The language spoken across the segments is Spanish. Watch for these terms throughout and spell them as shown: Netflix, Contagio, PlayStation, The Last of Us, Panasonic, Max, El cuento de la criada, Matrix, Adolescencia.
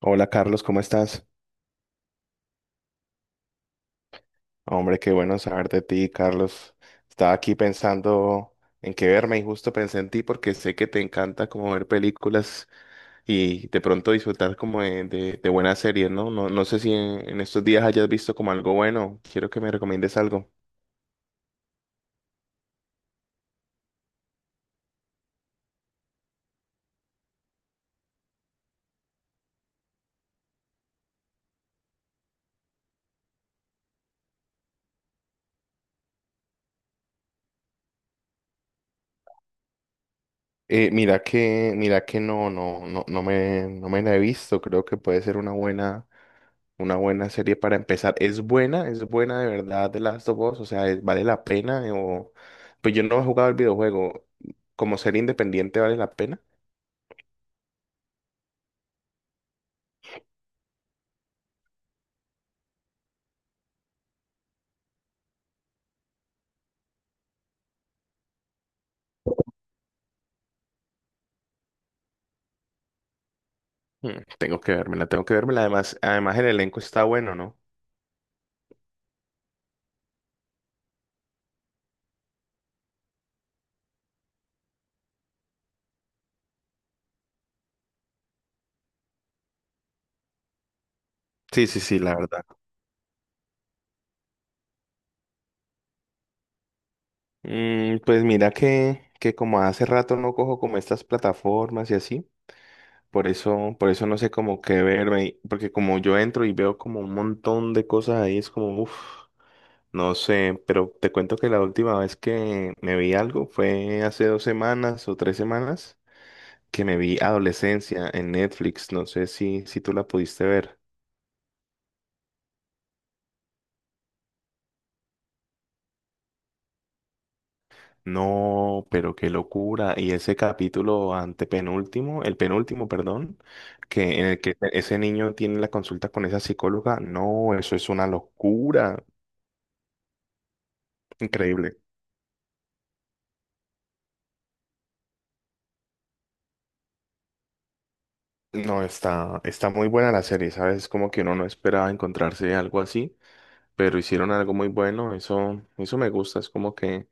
Hola Carlos, ¿cómo estás? Hombre, qué bueno saber de ti, Carlos. Estaba aquí pensando en qué verme y justo pensé en ti porque sé que te encanta como ver películas y de pronto disfrutar como de buenas series, ¿no? No, no sé si en estos días hayas visto como algo bueno. Quiero que me recomiendes algo. Mira que no, no me la he visto. Creo que puede ser una buena. Una buena serie para empezar. ¿Es buena? ¿Es buena de verdad The Last of Us? O sea, ¿vale la pena? O... Pues yo no he jugado el videojuego. ¿Como serie independiente vale la pena? Mm, tengo que vérmela, tengo que vérmela. Además, además el elenco está bueno, ¿no? Sí, sí, sí, la verdad. Pues mira que como hace rato no cojo como estas plataformas y así, por eso no sé cómo qué verme, porque como yo entro y veo como un montón de cosas ahí, es como, uff. No sé, pero te cuento que la última vez que me vi algo fue hace dos semanas o tres semanas que me vi Adolescencia en Netflix. No sé si tú la pudiste ver. No, pero qué locura. Y ese capítulo antepenúltimo, el penúltimo, perdón, que en el que ese niño tiene la consulta con esa psicóloga, no, eso es una locura. Increíble. No, está, está muy buena la serie, ¿sabes? Como que uno no esperaba encontrarse algo así. Pero hicieron algo muy bueno, eso me gusta, es como que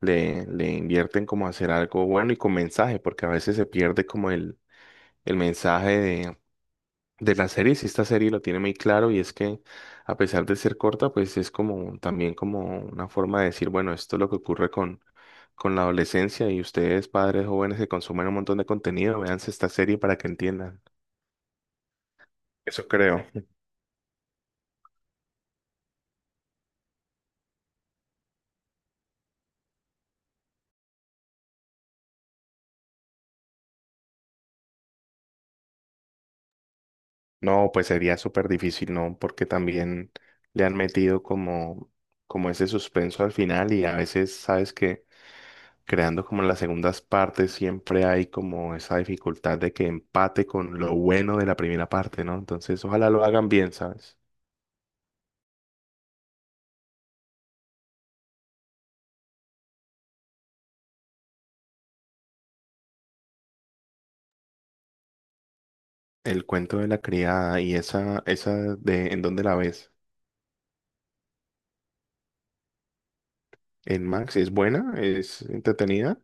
le invierten como a hacer algo bueno y con mensaje, porque a veces se pierde como el mensaje de la serie, si esta serie lo tiene muy claro y es que a pesar de ser corta, pues es como también como una forma de decir, bueno, esto es lo que ocurre con la adolescencia y ustedes padres jóvenes que consumen un montón de contenido, véanse esta serie para que entiendan. Eso creo. No, pues sería súper difícil, ¿no? Porque también le han metido como ese suspenso al final y a veces, sabes que creando como las segundas partes siempre hay como esa dificultad de que empate con lo bueno de la primera parte, ¿no? Entonces, ojalá lo hagan bien, ¿sabes? El cuento de la criada y esa de ¿en dónde la ves? ¿En Max? ¿Es buena? ¿Es entretenida?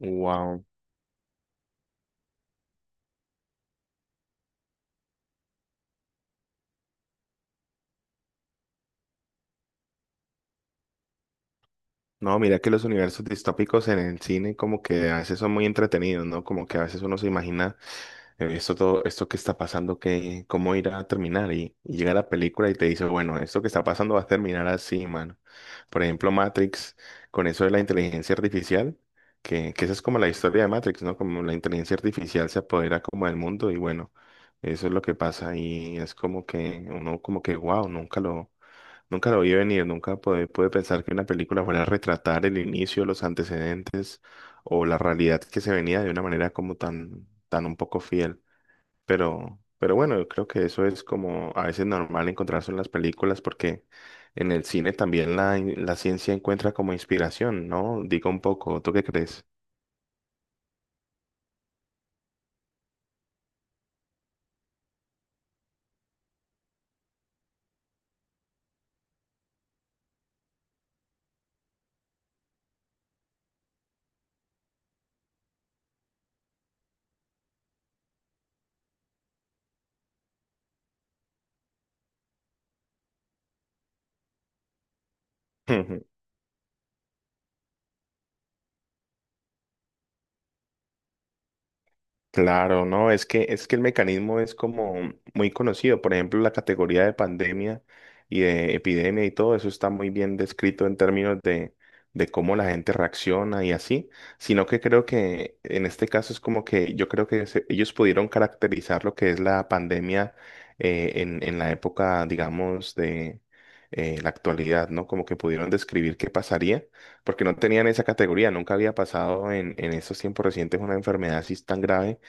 Wow. No, mira que los universos distópicos en el cine como que a veces son muy entretenidos, ¿no? Como que a veces uno se imagina esto, todo, esto que está pasando, ¿qué, cómo irá a terminar? Y llega la película y te dice, bueno, esto que está pasando va a terminar así, mano. Por ejemplo, Matrix, con eso de la inteligencia artificial, que esa es como la historia de Matrix, ¿no? Como la inteligencia artificial se apodera como del mundo y bueno, eso es lo que pasa y es como que uno como que, wow, nunca lo, nunca lo vi venir, nunca pude, pude pensar que una película fuera a retratar el inicio, los antecedentes o la realidad que se venía de una manera como tan, tan un poco fiel. Pero bueno, yo creo que eso es como a veces normal encontrarse en las películas porque en el cine también la ciencia encuentra como inspiración, ¿no? Digo un poco, ¿tú qué crees? Claro, no, es que el mecanismo es como muy conocido. Por ejemplo, la categoría de pandemia y de epidemia y todo eso está muy bien descrito en términos de cómo la gente reacciona y así. Sino que creo que en este caso es como que yo creo que ellos pudieron caracterizar lo que es la pandemia en, en la época, digamos, de la actualidad, ¿no? Como que pudieron describir qué pasaría porque no tenían esa categoría, nunca había pasado en estos tiempos recientes una enfermedad así tan grave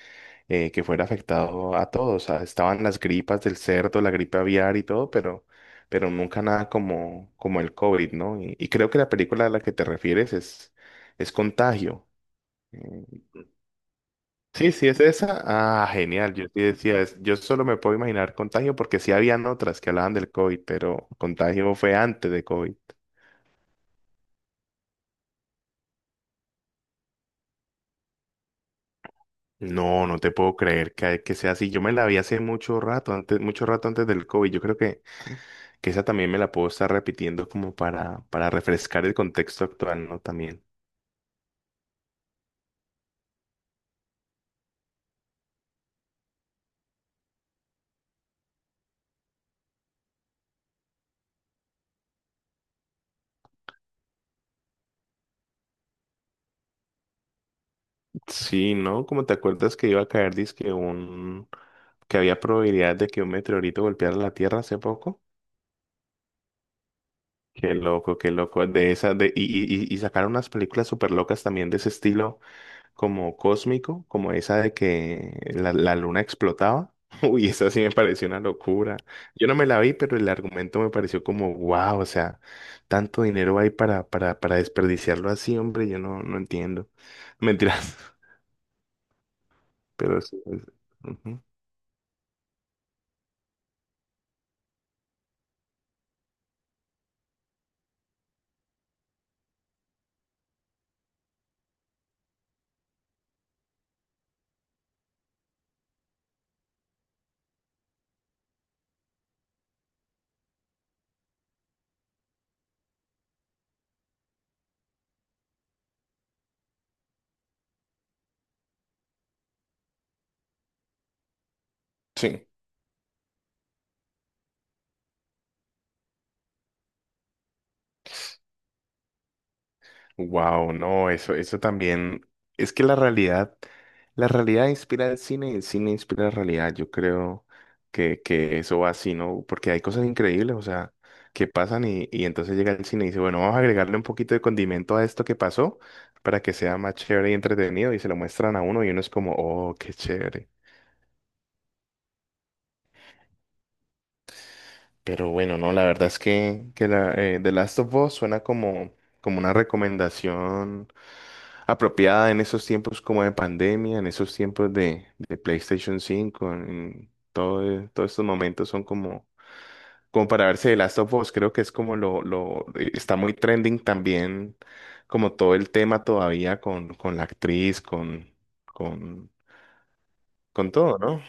que fuera afectado a todos. O sea, estaban las gripas del cerdo, la gripe aviar y todo, pero nunca nada como, como el COVID, ¿no? Y creo que la película a la que te refieres es Contagio. Mm, sí, sí, es esa. Ah, genial. Yo sí decía, yo solo me puedo imaginar Contagio porque sí habían otras que hablaban del COVID, pero Contagio fue antes de COVID. No, no te puedo creer que sea así. Yo me la vi hace mucho rato antes del COVID. Yo creo que esa también me la puedo estar repitiendo como para refrescar el contexto actual, ¿no? También. Sí, ¿no? Como te acuerdas que iba a caer, dizque un, que había probabilidad de que un meteorito golpeara la Tierra hace poco. Qué loco, qué loco. De esas de, y, y sacaron unas películas súper locas también de ese estilo. Como cósmico, como esa de que la luna explotaba. Uy, esa sí me pareció una locura. Yo no me la vi, pero el argumento me pareció como, wow, o sea, tanto dinero hay para desperdiciarlo así, hombre, yo no, no entiendo. Mentiras, pero sí. Ujú. Sí. Wow, no, eso también. Es que la realidad inspira el cine y el cine inspira la realidad. Yo creo que eso va así, ¿no? Porque hay cosas increíbles, o sea, que pasan y entonces llega el cine y dice, bueno, vamos a agregarle un poquito de condimento a esto que pasó para que sea más chévere y entretenido y se lo muestran a uno y uno es como, oh, qué chévere. Pero bueno, no, la verdad es que la, The Last of Us suena como, como una recomendación apropiada en esos tiempos como de pandemia, en esos tiempos de PlayStation 5 en todo, todos estos momentos son como, como para verse The Last of Us, creo que es como lo, lo, está muy trending también, como todo el tema todavía con la actriz, con, con todo, ¿no?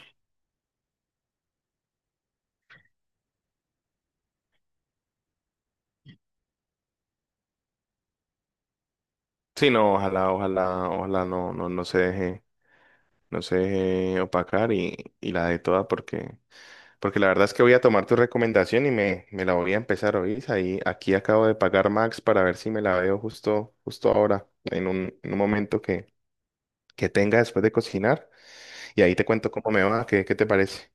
Sí, no, ojalá, ojalá, ojalá no, no, no se deje. No se deje opacar y la de toda porque, porque la verdad es que voy a tomar tu recomendación y me la voy a empezar a oír. Ahí, aquí acabo de pagar Max para ver si me la veo justo, justo ahora, en un momento que tenga después de cocinar. Y ahí te cuento cómo me va, qué, qué te parece.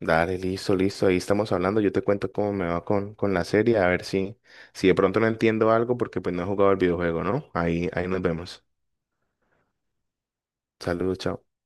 Dale, listo, listo, ahí estamos hablando. Yo te cuento cómo me va con la serie, a ver si, si de pronto no entiendo algo porque pues no he jugado el videojuego, ¿no? Ahí, ahí nos vemos. Saludos, chao.